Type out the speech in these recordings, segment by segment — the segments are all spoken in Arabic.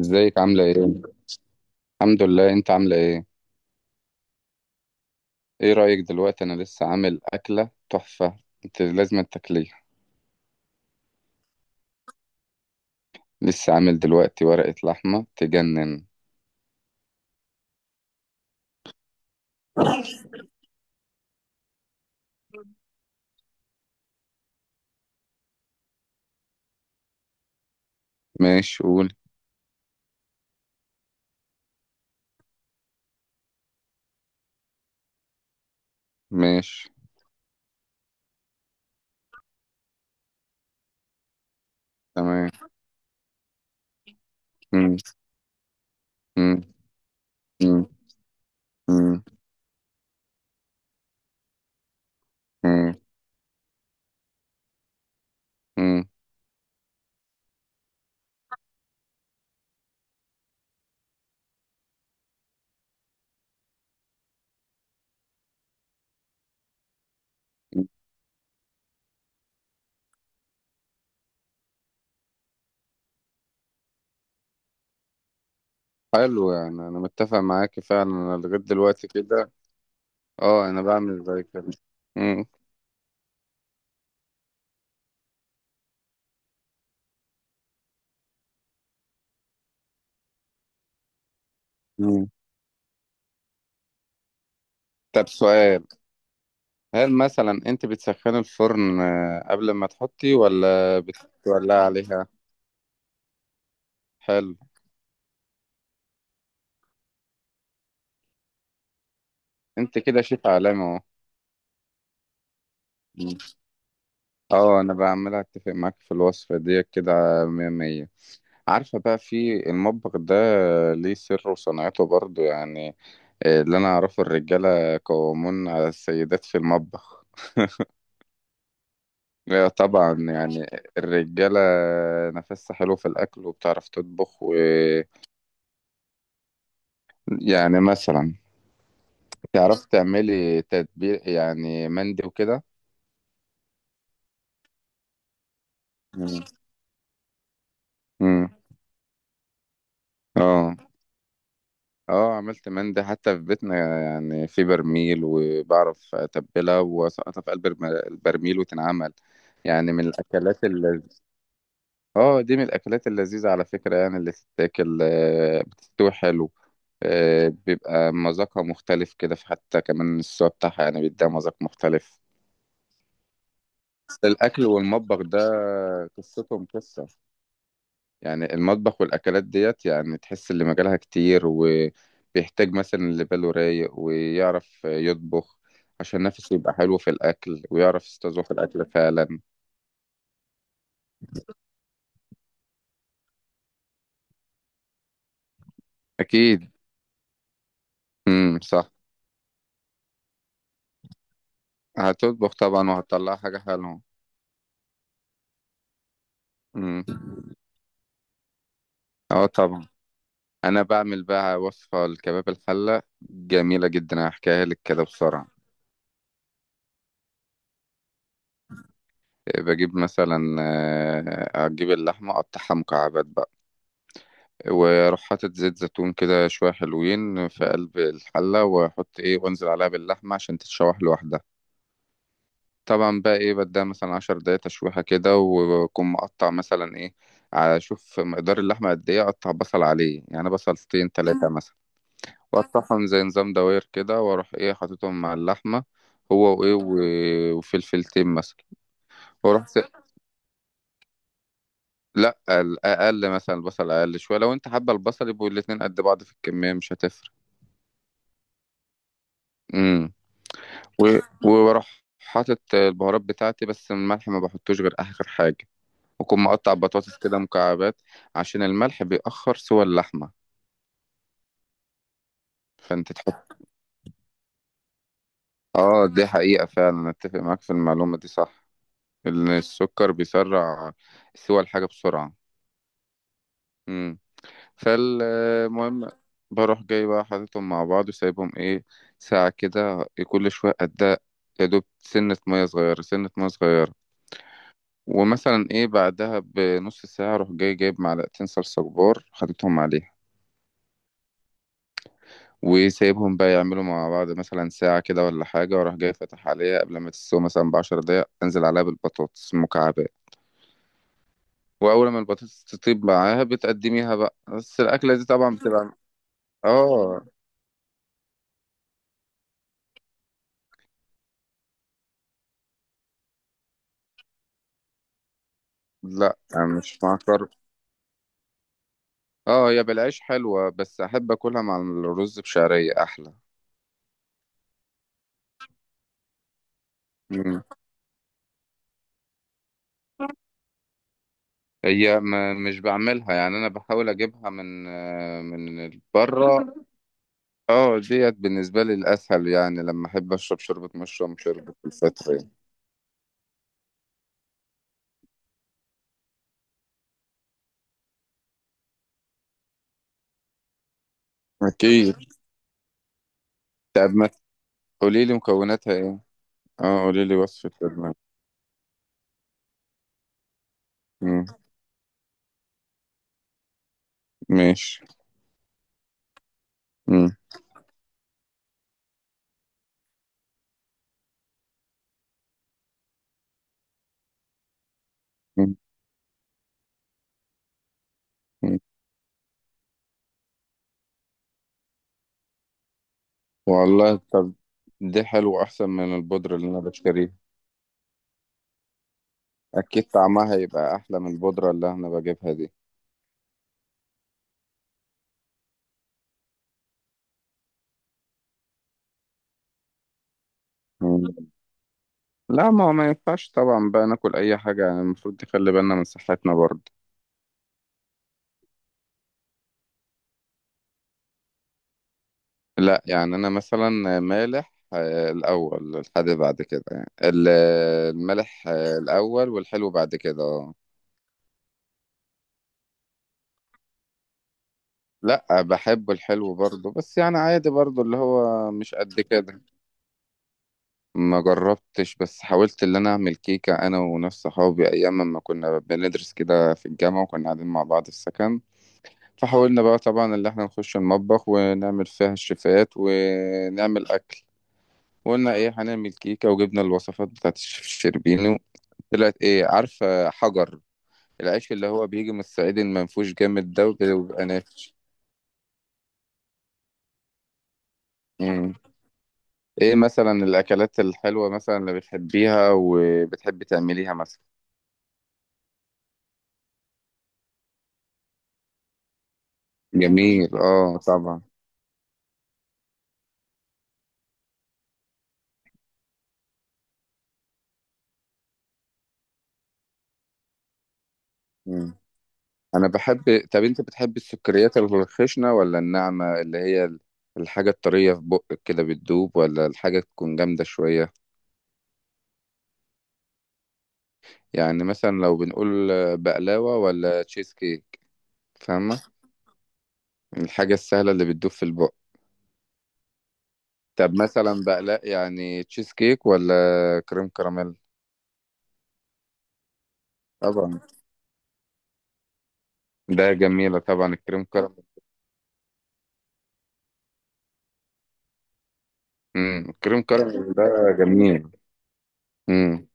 ازيك عاملة ايه؟ الحمد لله. انت عاملة ايه؟ ايه رأيك دلوقتي، انا لسه عامل اكلة تحفة. انت لازم تاكليها. لسه عامل دلوقتي ورقة لحمة تجنن. ماشي قول. ماشي تمام. مم. مم. مم. مم. مم. مم. حلو، يعني انا متفق معاكي فعلا، انا لغاية دلوقتي كده. اه انا بعمل زي كده. مم. مم. طب سؤال، هل مثلا انت بتسخني الفرن آه، قبل ما تحطي ولا بتولعي عليها؟ حلو. انت كده شيف عالمي اهو. مم. اه انا بقى عمال اتفق معاك في الوصفه ديت كده. مية مية. عارفه بقى في المطبخ ده ليه سر وصنعته برضو يعني. آه، اللي انا اعرفه الرجاله قوامون على السيدات في المطبخ. لا طبعا يعني. الرجاله نفسها حلو في الاكل وبتعرف تطبخ ويعني، مثلا تعرف تعملي تتبيل يعني مندي وكده. مم. مم. اه. اه عملت مندي حتى في بيتنا، يعني في برميل وبعرف اتبلها واسقطها في قلب البرميل وتنعمل. يعني من الاكلات اللي، اه دي من الاكلات اللذيذه على فكره، يعني اللي تتاكل آه، بتستوي حلو. آه، بيبقى مذاقها مختلف كده، في حتى كمان السوا بتاعها يعني بيديها مذاق مختلف. الاكل والمطبخ ده قصتهم قصه. يعني المطبخ والأكلات ديت، يعني تحس اللي مجالها كتير وبيحتاج مثلا اللي باله رايق ويعرف يطبخ، عشان نفسه يبقى حلو في الأكل ويعرف يستذوق الأكل فعلا. أكيد. امم، صح. هتطبخ طبعا وهتطلع حاجة حلوة. امم. اه طبعا. أنا بعمل بقى وصفة الكباب الحلة جميلة جدا، هحكيها لك كده بسرعة. بجيب مثلا آه، هجيب اللحمة أقطعها مكعبات بقى، واروح حاطط زيت زيتون كده شويه حلوين في قلب الحله، واحط ايه وانزل عليها باللحمه عشان تتشوح لوحدها. طبعا بقى ايه بديها مثلا 10 دقايق تشويحه كده، واكون مقطع مثلا ايه على شوف مقدار اللحمه قد ايه، اقطع بصل عليه يعني بصلتين تلاتة مثلا، واقطعهم زي نظام دواير كده، واروح ايه حاططهم مع اللحمه هو وايه وفلفلتين مثلا. واروح س... لا، اقل مثلا، البصل اقل شويه لو انت حابه، البصل يبقوا الاتنين قد بعض في الكميه مش هتفرق. امم. و- وبروح حاطط البهارات بتاعتي، بس الملح ما بحطوش غير آخر حاجة. وأكون مقطع بطاطس كده مكعبات، عشان الملح بيأخر سوى اللحمة. فأنت تحط. آه دي حقيقة فعلا، أتفق معاك في المعلومة دي صح. إن السكر بيسرع سوى الحاجة بسرعة. مم. فالمهم، بروح جاي بقى حاططهم مع بعض وسايبهم إيه ساعة كده، كل شوية أدق. يا دوب سنة مية صغيرة سنة مية صغيرة. ومثلا ايه بعدها بنص ساعة اروح جاي جايب معلقتين صلصة كبار حاططهم عليها، وسايبهم بقى يعملوا مع بعض مثلا ساعة كده ولا حاجة، واروح جاي فاتح عليها قبل ما تستوي مثلا بـ10 دقايق انزل عليها بالبطاطس مكعبات. واول ما البطاطس تطيب معاها بتقدميها بقى، بس الاكلة دي طبعا بتبقى. اه. لا، مش مع كرب. اه هي بالعيش حلوة، بس احب اكلها مع الرز بشعرية احلى. مم. هي ما مش بعملها، يعني انا بحاول اجيبها من آه، من بره. اه ديت بالنسبة لي الأسهل، يعني لما أحب أشرب شوربة مشروم، شوربة الفترة يعني. أكيد. طب ما قولي لي مكوناتها إيه؟ اه قولي لي وصفة شوربة. مم. ماشي. مم. مم. مم. والله طب دي حلوة أحسن من البودرة اللي أنا بشتريها. أكيد طعمها هيبقى أحلى من البودرة اللي أنا بجيبها دي. مم. لا، ما هو ما ينفعش طبعا بقى ناكل أي حاجة، يعني المفروض نخلي بالنا من صحتنا برضه. لا يعني انا مثلا، مالح آه، الاول الحادق بعد كده، يعني المالح آه، الاول والحلو بعد كده اه. لا بحب الحلو برضه، بس يعني عادي برضه اللي هو مش قد كده. ما جربتش، بس حاولت اللي انا اعمل كيكة انا وناس صحابي ايام ما كنا بندرس كده في الجامعة وكنا قاعدين مع بعض في السكن. فحاولنا بقى طبعا اللي احنا نخش المطبخ ونعمل فيها الشيفات ونعمل اكل. وقلنا ايه هنعمل كيكة وجبنا الوصفات بتاعت الشيف الشربيني. طلعت ايه، عارفة؟ حجر. العيش اللي هو بيجي من الصعيد المنفوش جامد ده، وبيبقى نافش. مم. ايه مثلا الاكلات الحلوة مثلا اللي بتحبيها وبتحبي تعمليها مثلا؟ جميل، اه طبعا. مم. انا بحب، طب انت بتحبي السكريات الخشنة ولا الناعمة، اللي هي الحاجة الطرية في بقك كده بتدوب، ولا الحاجة تكون جامدة شوية؟ يعني مثلا لو بنقول بقلاوة ولا تشيز كيك؟ فاهمة؟ الحاجة السهلة اللي بتدوب في البق. طب مثلا بقلاق، يعني تشيز كيك ولا كريم كراميل؟ طبعا ده جميلة طبعا الكريم كراميل. امم، الكريم كراميل ده جميل. امم.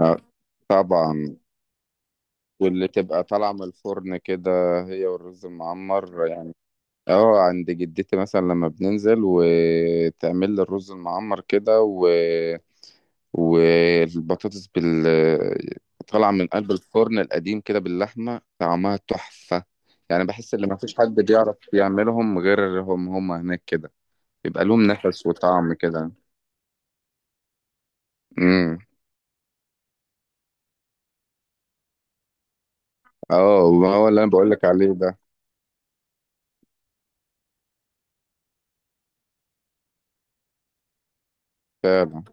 آه، طبعا. واللي تبقى طالعة من الفرن كده، هي والرز المعمر يعني. اه عند جدتي مثلا لما بننزل وتعمل لي الرز المعمر كده، والبطاطس طالعة من قلب الفرن القديم كده باللحمة، طعمها تحفة. يعني بحس إن مفيش حد بيعرف يعملهم غيرهم هم هناك كده، بيبقى لهم نفس وطعم كده. امم. اه هو اللي انا بقول لك عليه ده. فعلا.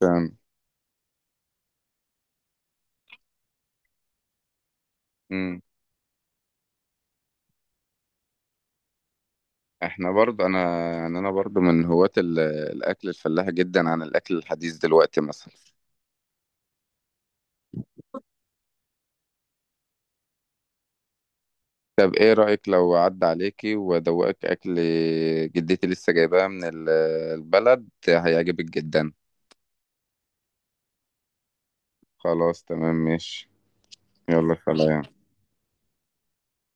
فعلا. امم. احنا برضه انا، يعني انا برضه من هواة الاكل الفلاحي جدا عن الاكل الحديث دلوقتي مثلا. طب ايه رأيك لو عدى عليكي وادوقك اكل جدتي لسه جايباه من البلد هيعجبك جدا. خلاص تمام ماشي. يلا سلام.